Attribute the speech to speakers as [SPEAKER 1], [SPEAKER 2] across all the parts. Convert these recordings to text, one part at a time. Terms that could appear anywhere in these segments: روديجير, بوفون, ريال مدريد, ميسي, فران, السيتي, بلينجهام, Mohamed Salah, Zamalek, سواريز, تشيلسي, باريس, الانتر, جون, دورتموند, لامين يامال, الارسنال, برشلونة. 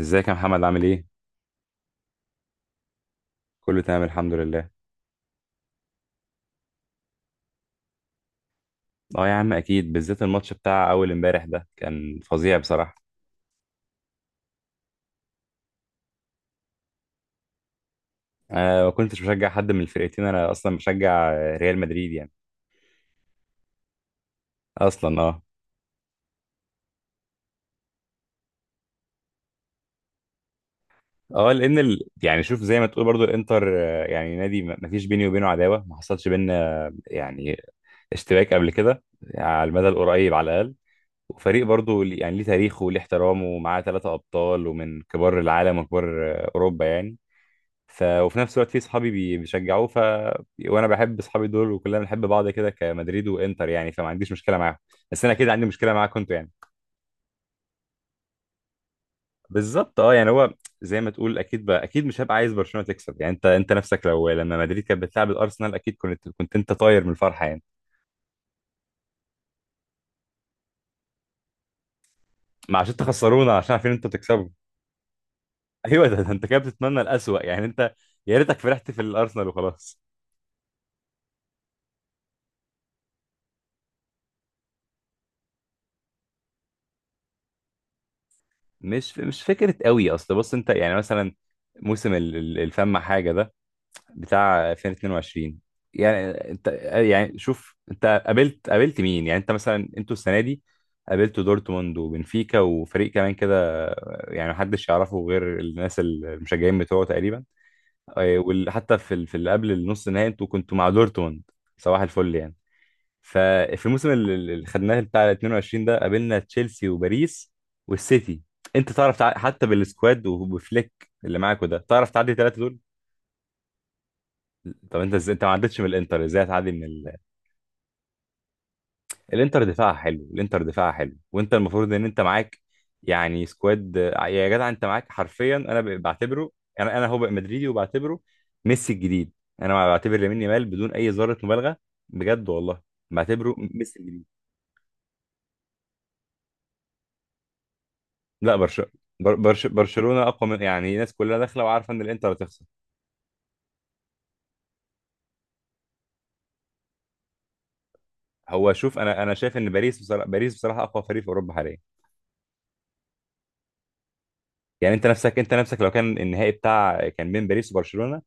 [SPEAKER 1] ازيك يا محمد عامل ايه؟ كله تمام الحمد لله. اه يا عم، اكيد بالذات الماتش بتاع اول امبارح ده كان فظيع بصراحة. انا ما كنتش بشجع حد من الفرقتين، انا اصلا بشجع ريال مدريد يعني. اصلا اه. اه، لان يعني شوف، زي ما تقول برضو الانتر، يعني نادي ما فيش بيني وبينه عداوة، ما حصلش بينا يعني اشتباك قبل كده، على المدى القريب على الاقل. وفريق برضو يعني ليه تاريخه وليه احترامه، ومعاه ثلاثة ابطال، ومن كبار العالم وكبار اوروبا يعني. وفي نفس الوقت في صحابي بيشجعوه، وانا بحب صحابي دول، وكلنا بنحب بعض كده، كمدريد وانتر يعني، فما عنديش مشكله معاهم. بس انا اكيد عندي مشكله معاكم انتوا يعني. بالظبط، اه يعني هو زي ما تقول، اكيد بقى اكيد مش هبقى عايز برشلونه تكسب يعني. انت نفسك، لو لما مدريد كانت بتلعب الارسنال، اكيد كنت انت طاير من الفرحه يعني. ما عشان تخسرونا، عشان عارفين انتوا تكسبوا. ايوه ده انت كده بتتمنى الاسوأ يعني، انت يا ريتك فرحت في الارسنال وخلاص. مش فكره قوي. اصل بص، انت يعني مثلا موسم الفم حاجه ده، بتاع 2022، يعني انت، يعني شوف، انت قابلت مين؟ يعني انت مثلا، انتوا السنه دي قابلتوا دورتموند وبنفيكا وفريق كمان كده، يعني محدش يعرفه غير الناس المشجعين بتوعه تقريبا. اه، وحتى في اللي قبل النص النهائي انتوا كنتوا مع دورتموند، صباح الفل يعني. ففي الموسم اللي خدناه بتاع 22 ده، قابلنا تشيلسي وباريس والسيتي، انت تعرف حتى بالسكواد وبفليك اللي معاك، وده تعرف تعدي ثلاثة دول؟ طب انت ازاي انت ما عدتش من الانتر، ازاي هتعدي من ال...؟ الانتر دفاعها حلو، الانتر دفاعها حلو، وانت المفروض ان انت معاك يعني سكواد، يا جدع انت معاك حرفيا، انا بعتبره، انا هو بقى مدريدي، وبعتبره ميسي الجديد. انا بعتبر لامين يامال، بدون اي ذره مبالغه، بجد والله، بعتبره ميسي الجديد. لا برشلونه اقوى من، يعني الناس كلها داخله وعارفه ان الانتر هتخسر. هو شوف، انا شايف ان باريس بصراحه، باريس بصراحه اقوى فريق في اوروبا حاليا. يعني انت نفسك، انت نفسك، لو كان النهائي كان بين باريس وبرشلونه،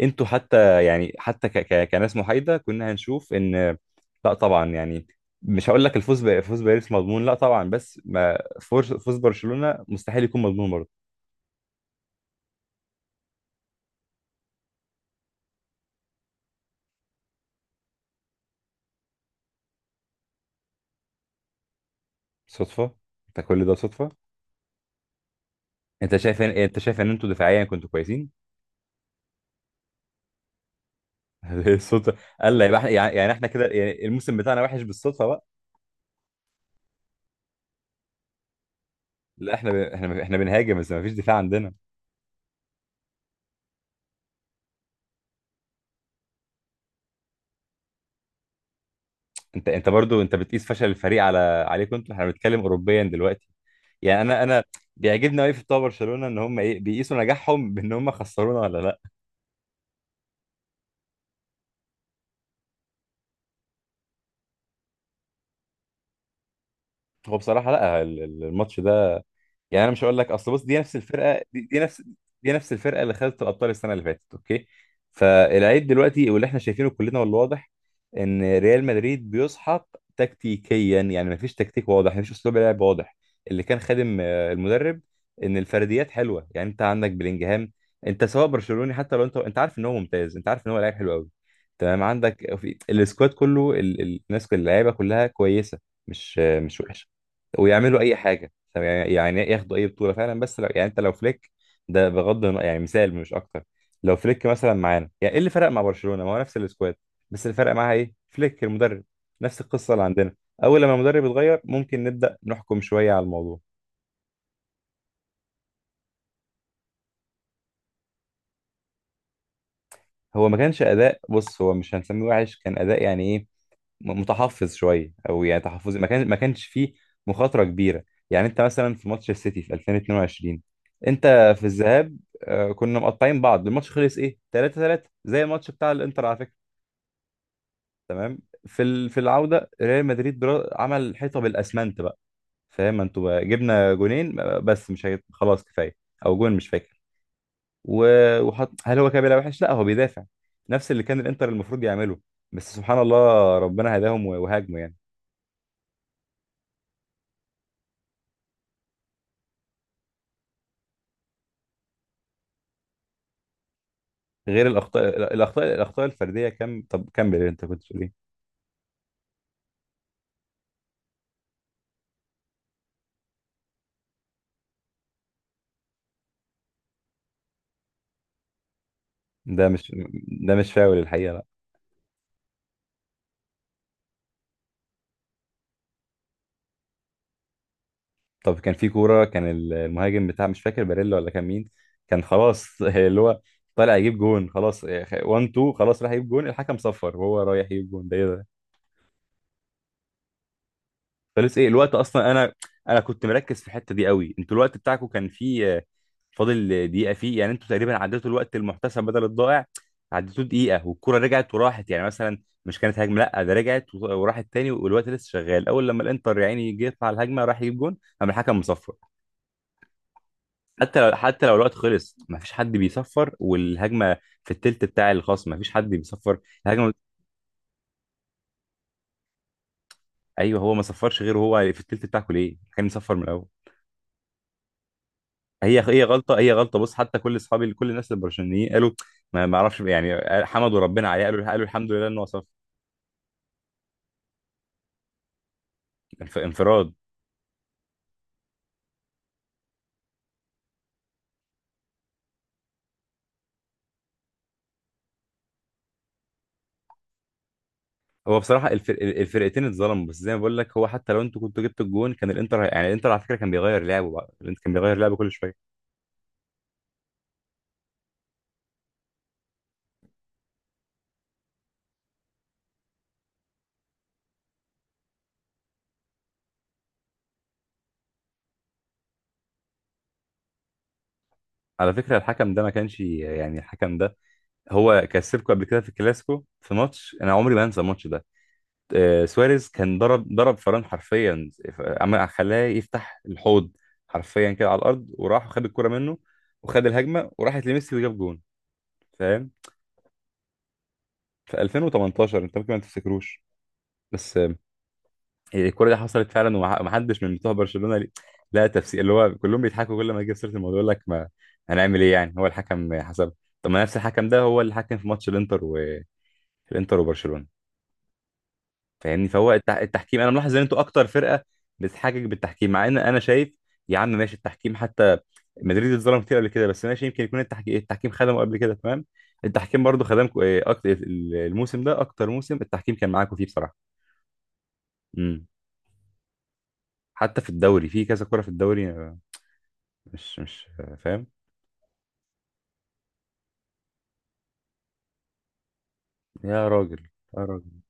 [SPEAKER 1] انتوا حتى يعني، حتى ك ك كناس محايده، كنا هنشوف ان، لا طبعا يعني، مش هقول لك فوز باريس مضمون، لا طبعا، بس ما فوز برشلونه مستحيل يكون مضمون برضه. صدفه؟ انت كل ده صدفه؟ انت شايف ان انتوا دفاعيا كنتوا كويسين؟ الصدفه قال! لا يبقى احنا، يعني احنا كده، يعني الموسم بتاعنا وحش بالصدفه بقى. لا، احنا بنهاجم، بس ما فيش دفاع عندنا. انت برضو انت بتقيس فشل الفريق على، عليكم انتوا، احنا بنتكلم اوروبيا دلوقتي. يعني انا بيعجبني قوي في بتوع برشلونه، ان هم ايه بيقيسوا نجاحهم بان هم خسرونا ولا لا. هو بصراحه لا، الماتش ده يعني، انا مش هقول لك، اصل بص، دي نفس الفرقه، دي نفس الفرقه اللي خدت الابطال السنه اللي فاتت، اوكي؟ فالعيب دلوقتي، واللي احنا شايفينه كلنا والواضح، ان ريال مدريد بيسحق تكتيكيا. يعني مفيش تكتيك واضح، مفيش اسلوب لعب واضح. اللي كان خادم المدرب، ان الفرديات حلوه. يعني انت عندك بلينجهام، انت سواء برشلوني حتى لو، انت عارف ان هو ممتاز، انت عارف ان هو لاعب حلو قوي. تمام؟ عندك في السكواد كله الناس اللعيبه كلها كويسه، مش مش وحشه، ويعملوا اي حاجه، طب يعني ياخدوا اي بطوله فعلا، بس لو يعني انت لو فليك، ده بغض النظر يعني، مثال مش اكتر. لو فليك مثلا معانا، يعني ايه اللي فرق مع برشلونه؟ ما هو نفس السكواد، بس اللي فرق معاها ايه؟ فليك المدرب. نفس القصه اللي عندنا، اول لما المدرب يتغير ممكن نبدا نحكم شويه على الموضوع. هو ما كانش اداء، بص، هو مش هنسميه وحش، كان اداء يعني ايه، متحفظ شويه او يعني تحفظي، ما كانش فيه مخاطره كبيره. يعني انت مثلا في ماتش السيتي في 2022، انت في الذهاب، كنا مقطعين بعض، الماتش خلص ايه؟ 3-3، زي الماتش بتاع الانتر على فكره. تمام، في العوده ريال مدريد عمل حيطه بالاسمنت بقى، فاهم؟ انتوا بقى جبنا جونين، بس مش هيت... خلاص كفايه، او جون مش فاكر، وحط، هل هو كان بيلعب وحش؟ لا، هو بيدافع، نفس اللي كان الانتر المفروض يعمله، بس سبحان الله ربنا هداهم وهاجموا يعني. غير الاخطاء الفرديه كم؟ طب كمل، انت كنت بتقول ايه؟ ده مش ده مش فاول الحقيقه، لا. طب كان في كوره، كان المهاجم بتاع، مش فاكر باريلا ولا كان مين، كان خلاص اللي هو طالع يجيب جون، خلاص 1، 2، خلاص راح يجيب جون، الحكم صفر، وهو رايح يجيب جون، ده ايه ده؟ فلسه، ايه الوقت اصلا؟ انا كنت مركز في الحته دي قوي، انتوا الوقت بتاعكم كان فيه فاضل دقيقه فيه، يعني انتوا تقريبا عديتوا الوقت المحتسب بدل الضائع، عديتوه دقيقه، والكره رجعت وراحت، يعني مثلا مش كانت هجمه، لا ده رجعت وراحت تاني، والوقت لسه شغال، اول لما الانتر يا عيني جه يطلع الهجمه راح يجيب جون قام الحكم مصفر. حتى لو الوقت خلص، ما فيش حد بيصفر والهجمه في التلت بتاع الخصم، ما فيش حد بيصفر الهجمه. ايوه، هو ما صفرش غير هو في التلت بتاعكم، ليه كان يصفر من الاول؟ هي غلطه، هي غلطه، بص، حتى كل اصحابي، كل الناس البرشلونيين قالوا، ما اعرفش يعني، حمدوا ربنا عليه، قالوا الحمد لله انه صف. انفراد! هو بصراحه الفرقتين اتظلموا، بس زي ما بقول لك، هو حتى لو انتوا كنتوا جبتوا الجون كان الانتر، يعني الانتر على فكره كان بيغير لعبه بقى، الانتر كان بيغير لعبه كل شويه. على فكره الحكم ده ما كانش، يعني الحكم ده هو كسبكم قبل كده في الكلاسيكو، في ماتش انا عمري ما انسى الماتش ده. سواريز كان ضرب فران حرفيا، عمل خلاه يفتح الحوض حرفيا كده على الارض، وراح وخد الكرة منه، وخد الهجمه وراحت لميسي وجاب جون، فاهم؟ في 2018، انت ممكن ما تفتكروش، بس. هي الكرة دي حصلت فعلا، ومحدش من بتوع برشلونه لا تفسير، اللي هو كلهم بيضحكوا كل ما يجي سيره الموضوع يقول لك ما هنعمل ايه يعني؟ هو الحكم حسب. طب ما نفس الحكم ده هو اللي حكم في ماتش الانتر، وبرشلونه، فاهمني؟ فهو التحكيم، انا ملاحظ ان انتوا اكتر فرقه بتحاجج بالتحكيم، مع ان انا شايف، يا عم ماشي، التحكيم حتى مدريد اتظلم كتير قبل كده، بس ماشي، يمكن يكون التحكيم خدمه قبل كده، تمام، التحكيم برضو خدمكم اكتر. الموسم ده اكتر موسم التحكيم كان معاكم فيه بصراحه. امم. حتى في الدوري، في كذا كره في الدوري، مش آه، فاهم. يا راجل، يا راجل،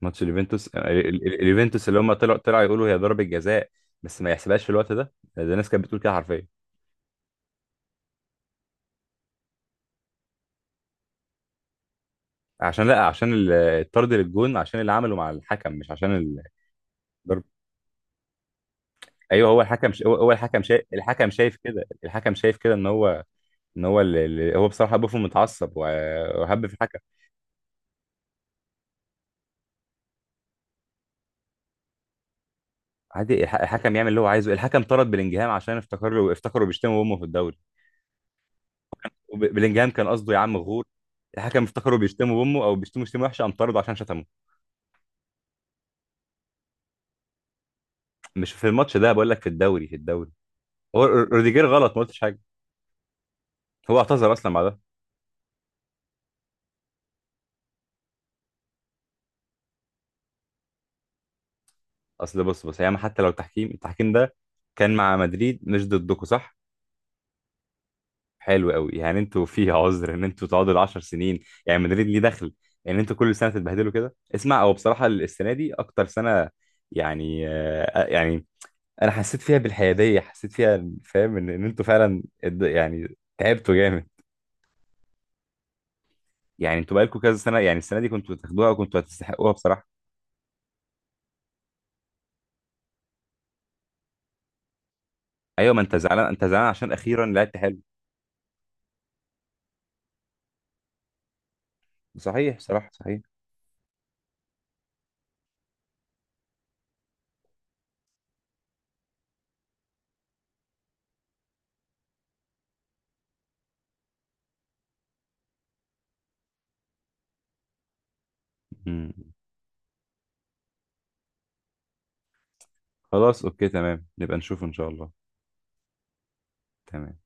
[SPEAKER 1] ماتش اليوفنتوس، اليوفنتوس، اللي هم طلعوا يقولوا هي ضربه جزاء، بس ما يحسبهاش في الوقت ده ناس كانت بتقول كده حرفيا. عشان، لا، عشان الطرد للجون، عشان اللي عمله مع الحكم، مش عشان الضرب. ايوه، هو الحكم هو الحكم شايف، الحكم شايف كده، ان هو ان هو هو بصراحه بوفون متعصب، وهب في الحكم. عادي، الحكم يعمل اللي هو عايزه. الحكم طرد بلينجهام عشان افتكروا بيشتموا امه في الدوري. بلينجهام كان قصده يا عم غور. الحكم افتكروا بيشتموا امه او بيشتموا شتيمه وحشه، قام طرده عشان شتمه. مش في الماتش ده، بقول لك في الدوري، في الدوري. هو روديجير غلط، ما قلتش حاجه، هو اعتذر اصلا بعدها. اصل بص، ياما، حتى لو التحكيم ده كان مع مدريد مش ضدكم، صح؟ حلو قوي يعني، انتوا فيها عذر ان انتوا تقعدوا العشر سنين، يعني مدريد ليه دخل ان انتوا كل سنه تتبهدلوا كده؟ اسمع، هو بصراحه السنه دي اكتر سنه، يعني يعني انا حسيت فيها بالحياديه، حسيت فيها، فاهم؟ ان انتوا فعلا، يعني تعبتوا جامد، يعني انتوا بقالكم كذا سنه، يعني السنه دي كنتوا تاخدوها، وكنتوا هتستحقوها بصراحه. ايوه، ما انت زعلان، انت زعلان عشان اخيرا لعبت حلو. صحيح بصراحه، صحيح. مم. خلاص، اوكي، تمام، نبقى نشوف ان شاء الله. تمام